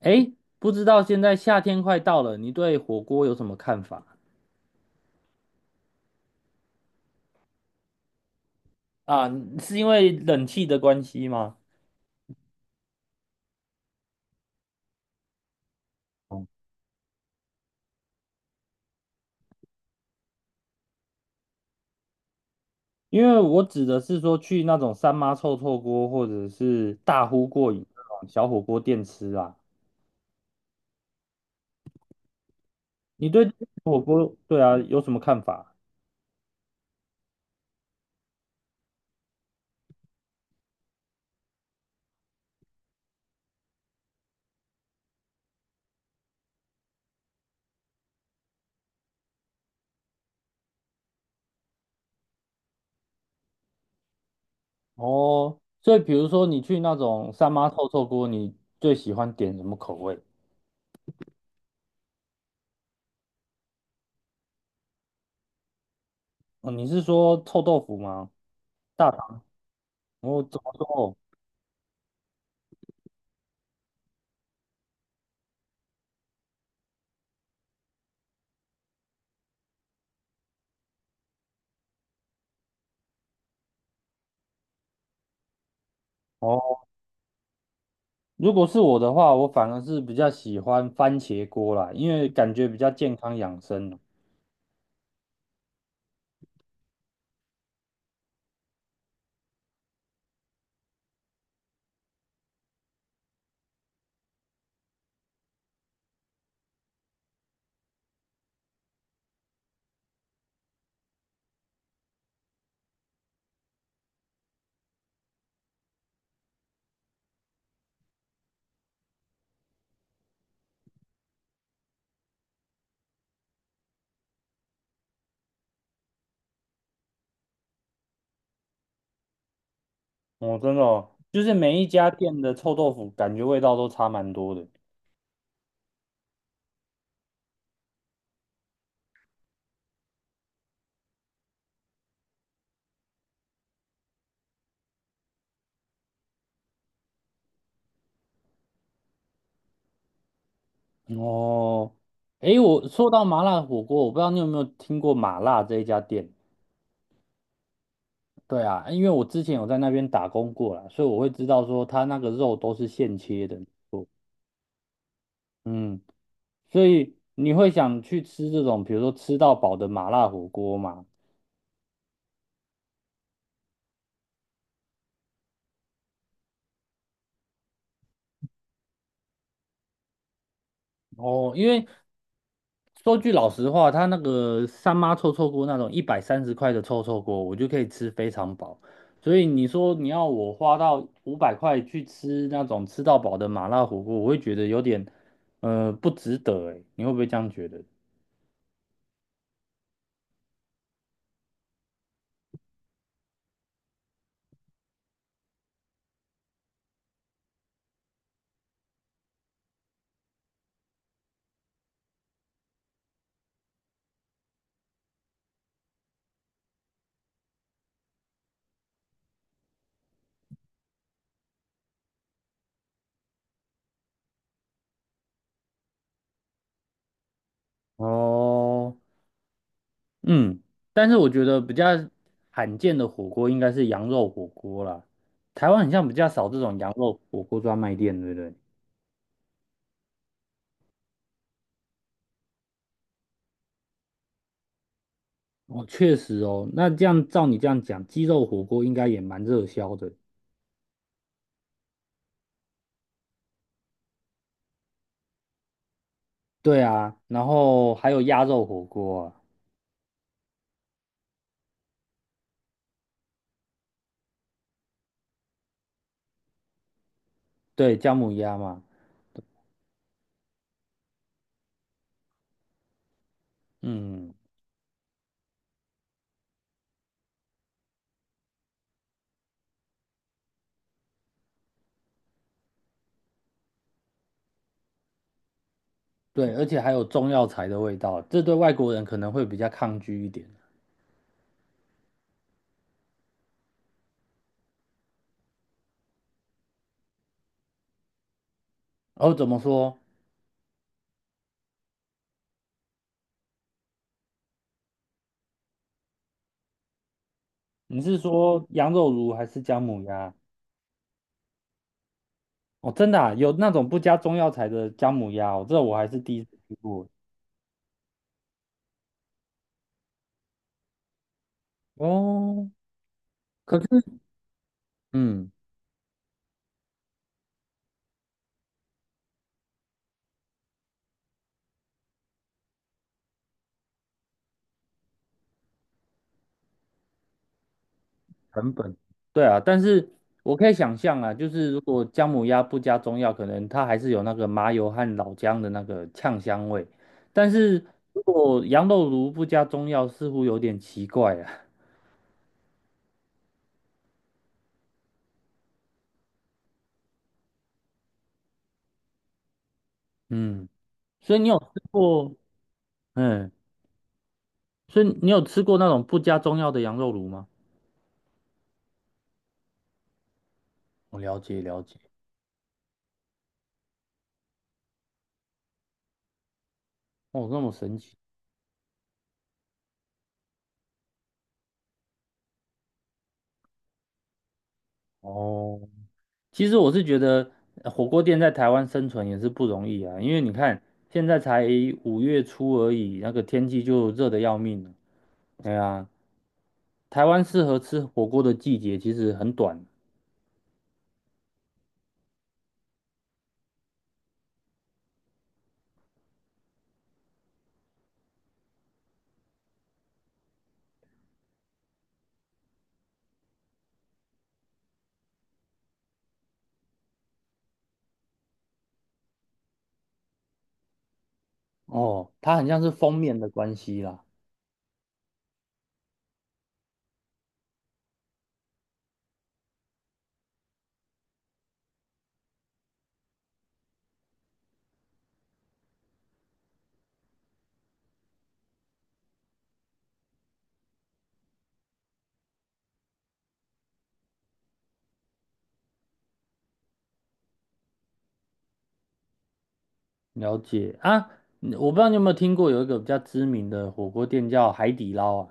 哎，不知道现在夏天快到了，你对火锅有什么看法啊？是因为冷气的关系吗？哦因为我指的是说去那种三妈臭臭锅或者是大呼过瘾那种小火锅店吃啊。你对火锅，对啊，有什么看法？哦，所以比如说你去那种三妈臭臭锅，你最喜欢点什么口味？哦，你是说臭豆腐吗？大肠？哦，怎么说？如果是我的话，我反而是比较喜欢番茄锅啦，因为感觉比较健康养生啊哦。哦真的哦就是每一家店的臭豆腐，感觉味道都差蛮多的。哦，诶，我说到麻辣火锅，我不知道你有没有听过麻辣这一家店？对啊，因为我之前有在那边打工过啦，所以我会知道说它那个肉都是现切的。嗯，所以你会想去吃这种，比如说吃到饱的麻辣火锅吗？哦，因为说句老实话，他那个三妈臭臭锅那种130块的臭臭锅，我就可以吃非常饱。所以你说你要我花到五百块去吃那种吃到饱的麻辣火锅，我会觉得有点不值得诶，你会不会这样觉得？哦，嗯，但是我觉得比较罕见的火锅应该是羊肉火锅啦。台湾很像比较少这种羊肉火锅专卖店，对不对？哦，确实哦，那这样照你这样讲，鸡肉火锅应该也蛮热销的。对啊，然后还有鸭肉火锅啊，对，姜母鸭嘛，嗯，对，而且还有中药材的味道，这对外国人可能会比较抗拒一点。哦，怎么说？你是说羊肉炉还是姜母鸭？哦，真的啊，有那种不加中药材的姜母鸭哦，这我还是第一次听过。哦，可是，嗯。成本，对啊，但是我可以想象啊，就是如果姜母鸭不加中药，可能它还是有那个麻油和老姜的那个呛香味。但是如果羊肉炉不加中药，似乎有点奇怪啊。嗯，所以你有吃过，嗯，所以你有吃过那种不加中药的羊肉炉吗？我了解了解，哦，那么神奇哦。其实我是觉得火锅店在台湾生存也是不容易啊，因为你看现在才5月初而已，那个天气就热得要命了。对呀，台湾适合吃火锅的季节其实很短哦，它很像是封面的关系啦。了解啊，你我不知道你有没有听过有一个比较知名的火锅店叫海底捞啊？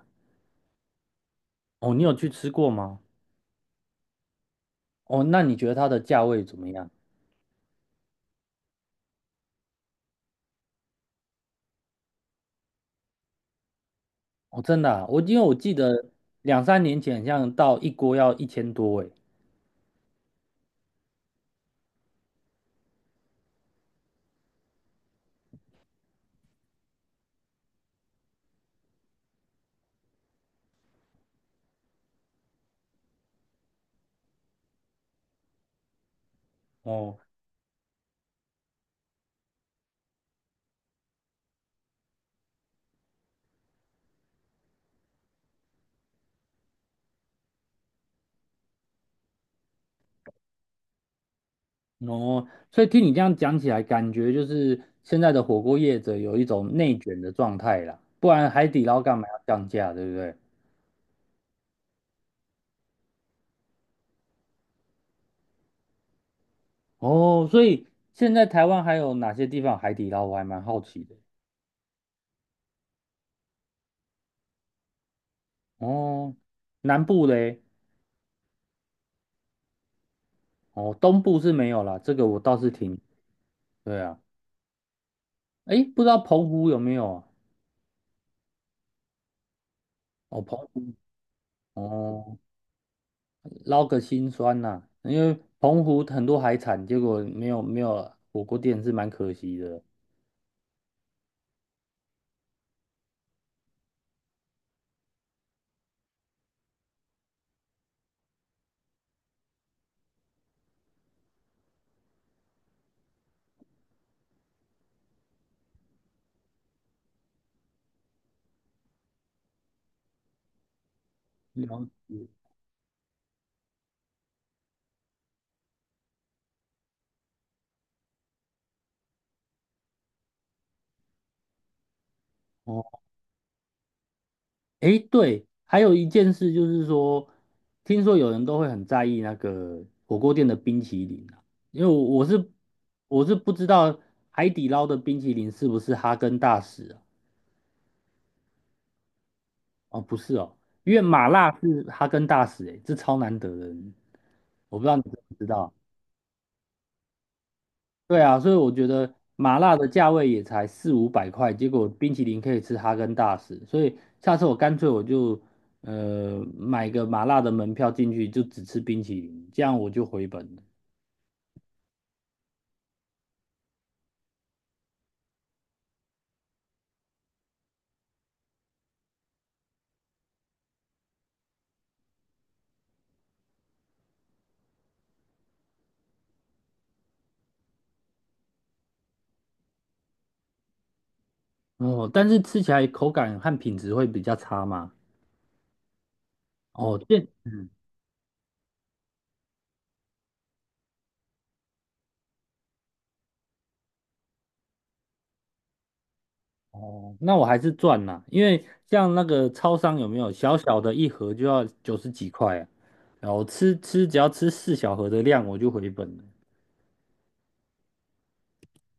哦，你有去吃过吗？哦，那你觉得它的价位怎么样？哦，真的啊我因为我记得两三年前，好像到一锅要1000多诶。哦。哦，所以听你这样讲起来，感觉就是现在的火锅业者有一种内卷的状态啦，不然海底捞干嘛要降价，对不对？哦，所以现在台湾还有哪些地方有海底捞，我还蛮好奇的。哦，南部嘞，哦，东部是没有啦，这个我倒是挺，对啊，诶，不知道澎湖有没有啊？哦，澎湖，哦，捞个心酸呐、因为澎湖很多海产，结果没有火锅店是蛮可惜的。了解。哦，诶，对，还有一件事就是说，听说有人都会很在意那个火锅店的冰淇淋啊，因为我是不知道海底捞的冰淇淋是不是哈根达斯啊？哦，不是哦，因为麻辣是哈根达斯，诶，这超难得的，我不知道你知不知道。对啊，所以我觉得麻辣的价位也才四五百块，结果冰淇淋可以吃哈根达斯，所以下次我干脆我就买个麻辣的门票进去，就只吃冰淇淋，这样我就回本了。哦，但是吃起来口感和品质会比较差嘛。哦，这嗯哦，那我还是赚啦，因为像那个超商有没有小小的一盒就要90几块啊，然后只要吃四小盒的量我就回本了。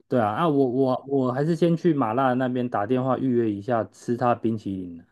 对啊，啊，我还是先去麻辣那边打电话预约一下吃他冰淇淋。